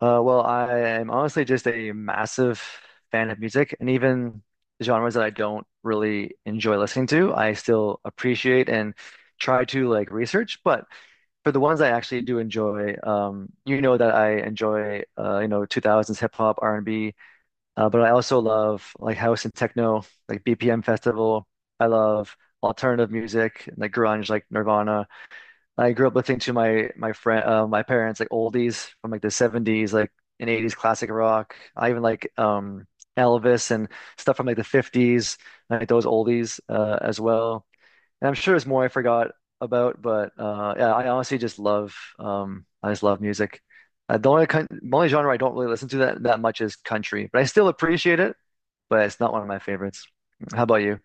Well, I am honestly just a massive fan of music, and even genres that I don't really enjoy listening to, I still appreciate and try to like research. But for the ones I actually do enjoy, you know that I enjoy, 2000s hip hop, R&B, but I also love like house and techno, like BPM Festival. I love alternative music, like grunge, like Nirvana. I grew up listening to my parents like oldies from like the 70s like and 80s classic rock. I even like Elvis and stuff from like the 50s, like those oldies as well. And I'm sure there's more I forgot about, but yeah, I honestly just love I just love music. The only genre I don't really listen to that much is country, but I still appreciate it, but it's not one of my favorites. How about you?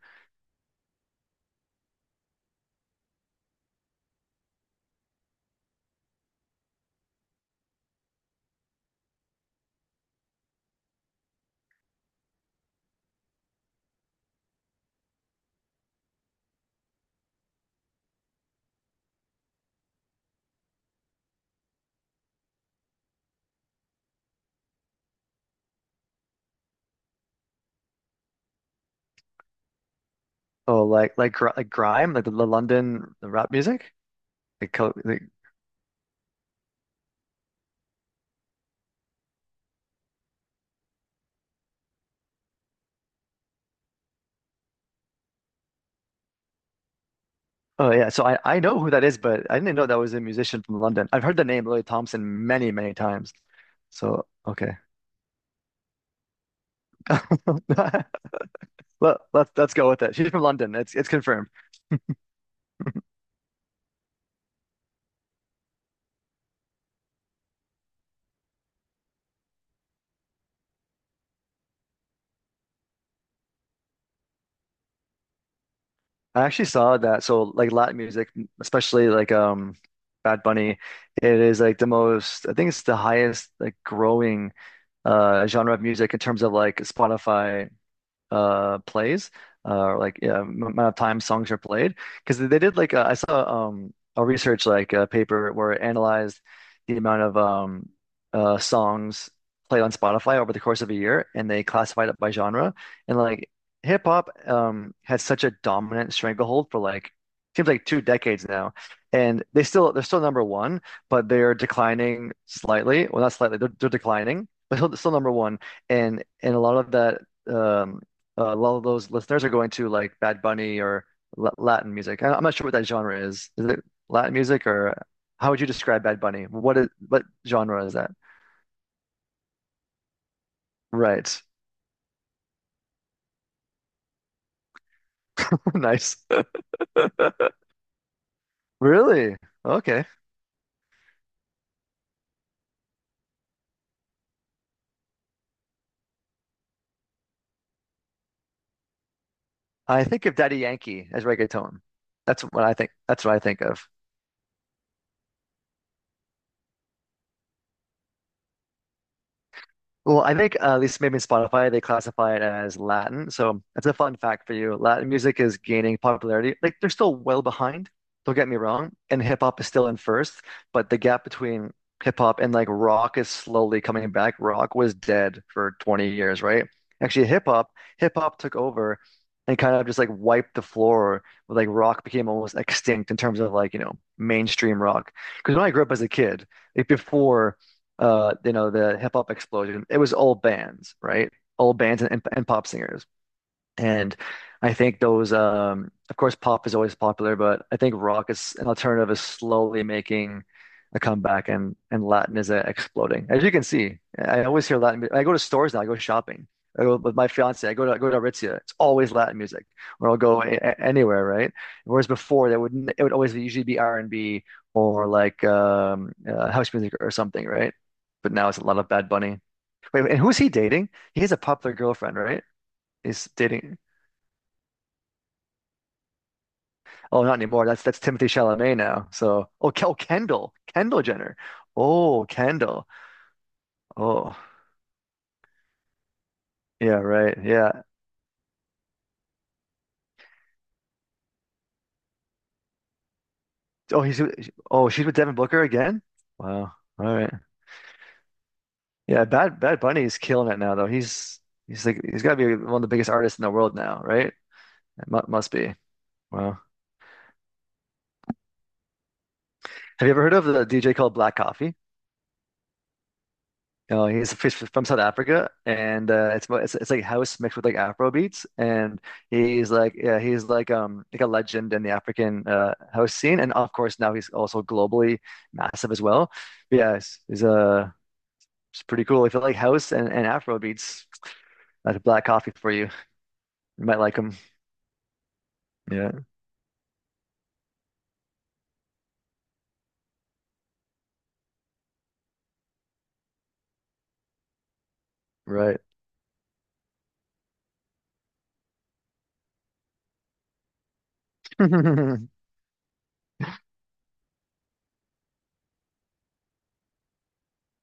Oh, like grime, like the London rap music, like. Oh, yeah, so I know who that is, but I didn't know that was a musician from London. I've heard the name Lily Thompson many, many times. So okay. Let's go with it. She's from London. It's confirmed. I actually saw that. So, like, Latin music, especially like Bad Bunny, it is like the most I think it's the highest like growing genre of music in terms of like Spotify plays or, like, yeah, amount of time songs are played, because they did like I saw a research like paper where it analyzed the amount of songs played on Spotify over the course of a year, and they classified it by genre. And like hip hop has such a dominant stranglehold for, like, seems like 2 decades now, and they're still number one, but they're declining slightly, well, not slightly, they're declining but still number one. And a lot of that, um a lot of those listeners are going to, like, Bad Bunny or Latin music. I'm not sure what that genre is. Is it Latin music, or how would you describe Bad Bunny? What genre is that? Right. Nice. Really? Okay. I think of Daddy Yankee as reggaeton. That's what I think. That's what I think of. Well, I think at least maybe in Spotify they classify it as Latin. So it's a fun fact for you. Latin music is gaining popularity. Like, they're still well behind, don't get me wrong, and hip hop is still in first, but the gap between hip hop and, like, rock is slowly coming back. Rock was dead for 20 years, right? Actually, hip hop took over and kind of just like wiped the floor with, like, rock became almost extinct in terms of, like, mainstream rock. Because when I grew up as a kid, like before the hip hop explosion, it was all bands, right? All bands and pop singers. And I think those, of course, pop is always popular, but I think rock is an alternative is slowly making a comeback, and Latin is exploding. As you can see, I always hear Latin. I go to stores now. I go shopping. I go with my fiance. I go to Aritzia. It's always Latin music, or I'll go anywhere, right? Whereas before, that would it would always usually be R and B or like house music or something, right? But now it's a lot of Bad Bunny. Wait, and who's he dating? He has a popular girlfriend, right? He's dating. Oh, not anymore. That's Timothy Chalamet now. So, oh, Kendall Jenner. Oh, Kendall. Oh, yeah, right. Yeah. Oh, she's with Devin Booker again. Wow. All right. Yeah, Bad Bunny is killing it now, though. He's got to be one of the biggest artists in the world now, right? It mu must be. Wow. Have you ever heard of the DJ called Black Coffee? Know, he's from South Africa, and it's, mo- it's like house mixed with like Afro beats, and he's like, yeah, he's like a legend in the African house scene, and of course now he's also globally massive as well. But yeah, it's pretty cool. If you like house and Afro beats, that's Black Coffee for you. You might like him. Yeah, right.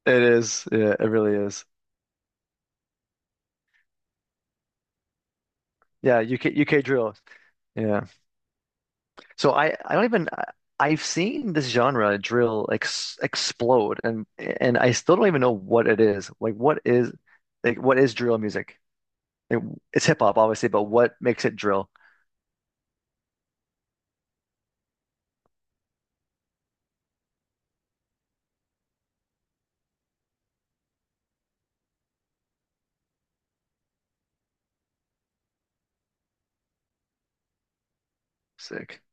It is. Yeah, it really is. Yeah, UK drill. So I don't even I've seen this genre drill ex explode, and I still don't even know what it is. Like, what is drill music? Like, it's hip hop obviously, but what makes it drill? Sick.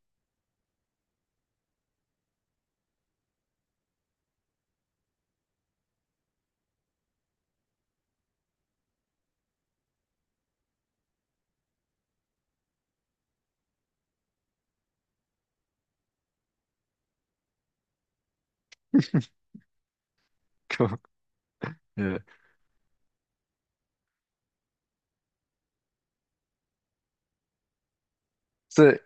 Cool. Yeah. So,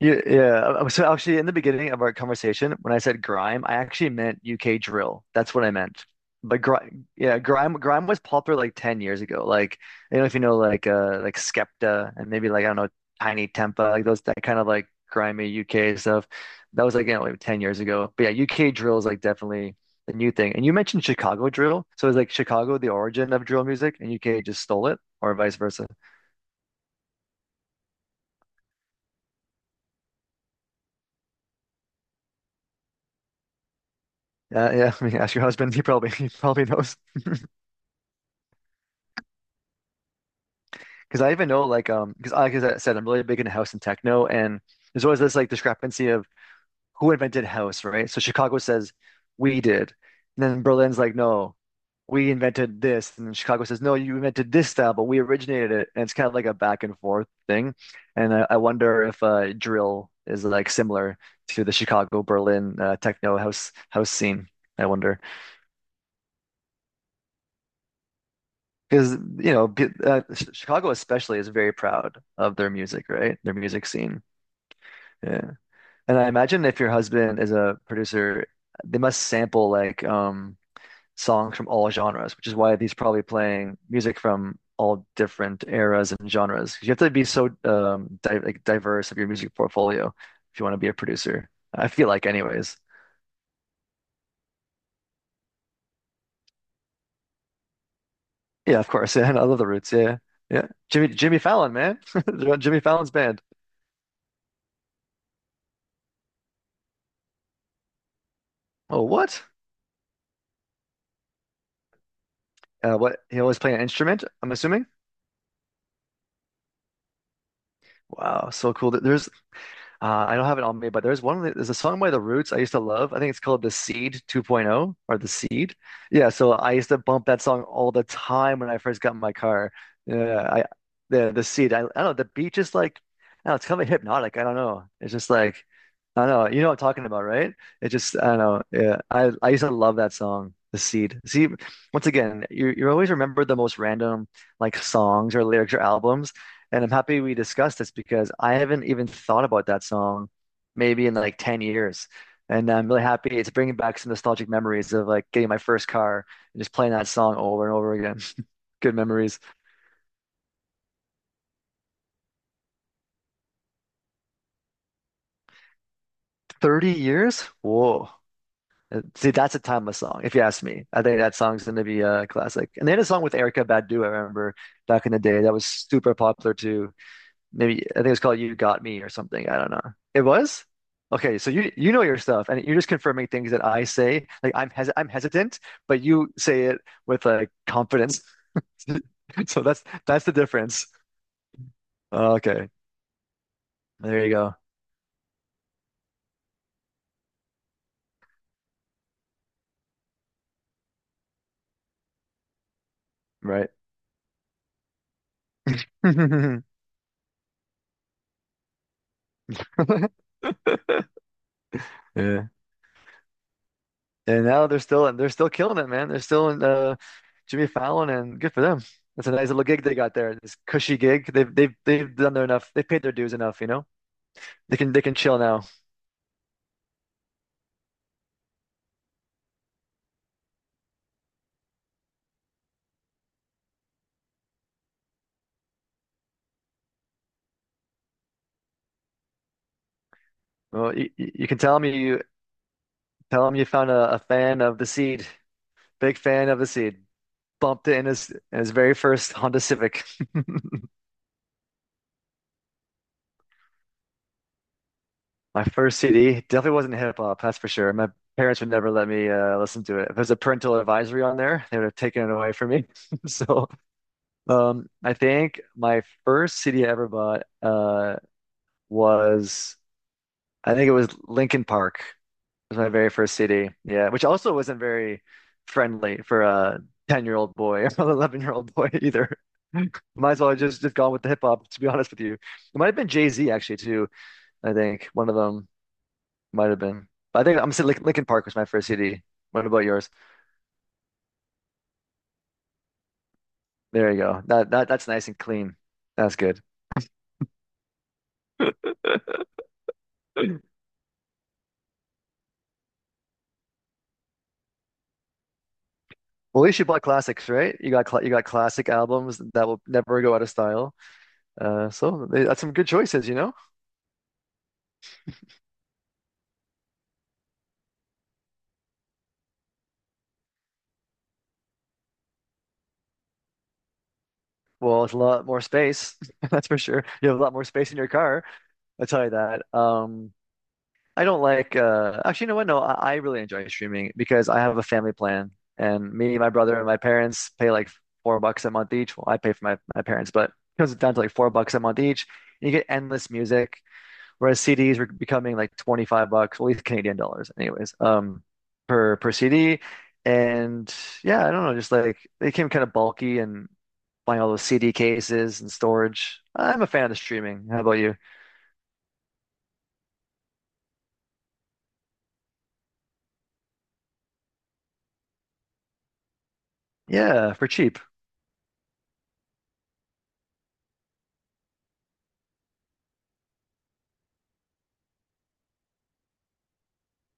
yeah, yeah. So actually, in the beginning of our conversation, when I said grime, I actually meant UK drill. That's what I meant. But grime, yeah, grime was popular like 10 years ago. Like, I don't know if you know, like Skepta and maybe like I don't know, Tiny Tempa, like those, that kind of like grimy UK stuff. That was, like, like 10 years ago. But yeah, UK drill is like definitely the new thing. And you mentioned Chicago drill, so it's like Chicago the origin of drill music, and UK just stole it, or vice versa. Yeah, yeah. I mean, ask your husband; he probably he probably knows. Because I even know, like, because like I said, I'm really big into house and techno, and there's always this like discrepancy of who invented house, right? So Chicago says we did, and then Berlin's like, no, we invented this, and then Chicago says, no, you invented this style, but we originated it, and it's kind of like a back and forth thing, and I wonder if drill is like similar to the Chicago Berlin techno house scene. I wonder. Because you know, Chicago especially is very proud of their music, right? Their music scene. Yeah. And I imagine if your husband is a producer, they must sample like songs from all genres, which is why he's probably playing music from all different eras and genres. 'Cause you have to be so di like diverse of your music portfolio if you want to be a producer. I feel like, anyways. Yeah, of course. Yeah, and I love the Roots. Yeah. Yeah. Jimmy Fallon, man. Jimmy Fallon's band. Oh, what? What? He always play an instrument, I'm assuming? Wow, so cool. There's I don't have it on me, but there's one. There's a song by The Roots I used to love. I think it's called The Seed 2.0 or The Seed. Yeah, so I used to bump that song all the time when I first got in my car. Yeah, I the Seed. I don't know. The beat just like, I don't know, it's kind of hypnotic. I don't know. It's just like, I don't know. You know what I'm talking about, right? It just, I don't know. Yeah, I used to love that song, The Seed. See, once again, you always remember the most random like songs or lyrics or albums, and I'm happy we discussed this because I haven't even thought about that song maybe in like 10 years. And I'm really happy it's bringing back some nostalgic memories of like getting my first car and just playing that song over and over again. Good memories. 30 years? Whoa. See, that's a timeless song, if you ask me. I think that song's going to be a classic. And they had a song with Erica Badu, I remember, back in the day, that was super popular too. Maybe, I think it was called You Got Me or something. I don't know. It was? Okay, so you know your stuff, and you're just confirming things that I say. Like, I'm hesitant, but you say it with, like, confidence. So that's the difference. Okay. There you go. Right. Yeah. And now they're still killing it, man. They're still in Jimmy Fallon, and good for them. That's a nice little gig they got there. This cushy gig. They've done their enough. They've paid their dues enough. You know, they can chill now. Well, you can tell me, you tell him, you found a fan of The Seed, big fan of The Seed. Bumped it in his very first Honda Civic. My first CD definitely wasn't hip hop, that's for sure. My parents would never let me listen to it. If there's a parental advisory on there, they would have taken it away from me. So, I think my first CD ever bought was I think it was Linkin Park. It was my very first CD. Yeah, which also wasn't very friendly for a 10-year-old boy or an 11-year-old boy either. Might as well have just gone with the hip hop, to be honest with you. It might have been Jay-Z actually too, I think. One of them might have been. But I think I'm saying Linkin Park was my first CD. What about yours? There you go. That's nice and clean. That's good. Well, at least you bought classics, right? You got classic albums that will never go out of style. That's some good choices, you know? Well, it's a lot more space, that's for sure. You have a lot more space in your car. I'll tell you that. I don't like actually, you know what? No, I really enjoy streaming because I have a family plan and me, my brother, and my parents pay like $4 a month each. Well, I pay for my parents, but it comes down to like $4 a month each. And you get endless music, whereas CDs were becoming like $25, well, at least Canadian dollars, anyways, per CD. And yeah, I don't know, just like they became kind of bulky and buying all those CD cases and storage. I'm a fan of streaming. How about you? Yeah, for cheap.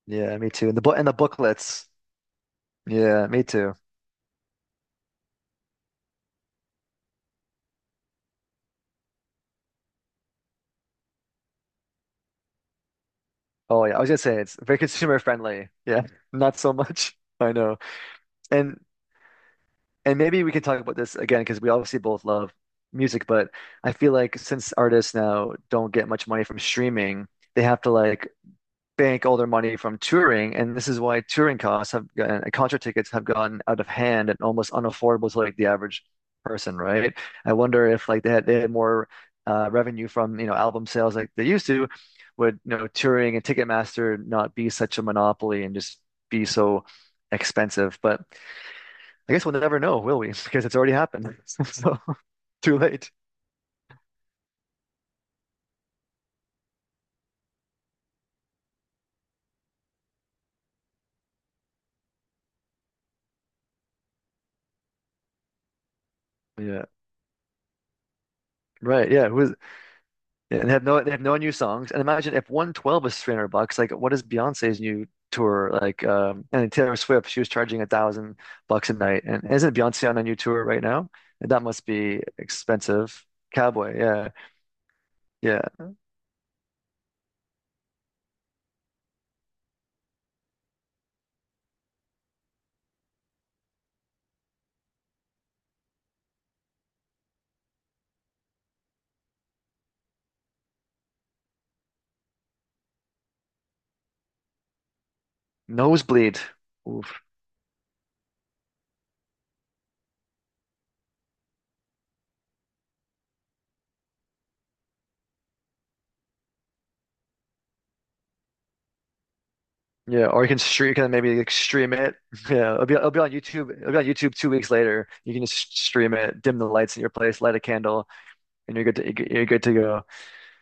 Yeah, me too. And the book and the booklets. Yeah, me too. Oh yeah, I was gonna say it's very consumer friendly. Yeah, not so much. I know. And and maybe we can talk about this again because we obviously both love music, but I feel like since artists now don't get much money from streaming, they have to like bank all their money from touring, and this is why touring costs have gotten, concert tickets have gotten out of hand and almost unaffordable to like the average person, right? I wonder if like they had more revenue from album sales like they used to, would touring and Ticketmaster not be such a monopoly and just be so expensive? But I guess we'll never know, will we? Because it's already happened. So too late. Yeah. Right. Yeah. Who's and have no they have no new songs. And imagine if 112 is $300, like what is Beyonce's new tour like? And Taylor Swift, she was charging $1,000 a night. And isn't Beyonce on a new tour right now? That must be expensive. Cowboy, yeah, yeah. Nosebleed. Oof. Yeah, or you can stream, you can maybe like stream it. Yeah, it'll be on YouTube. It'll be on YouTube 2 weeks later. You can just stream it, dim the lights in your place, light a candle, and you're good to go.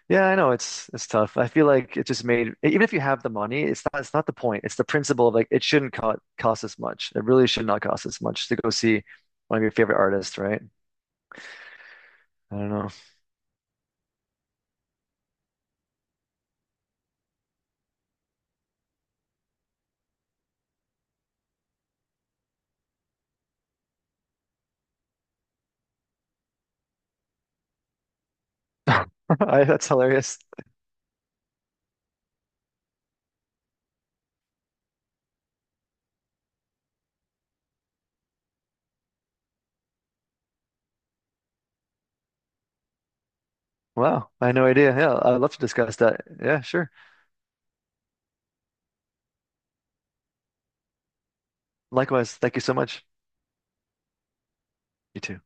Yeah, I know it's tough. I feel like it just made even if you have the money, it's not the point. It's the principle of like it shouldn't co cost as much. It really should not cost as much to go see one of your favorite artists, right? I don't know. That's hilarious. Wow, I had no idea. Yeah, I'd love to discuss that. Yeah, sure. Likewise, thank you so much. You too.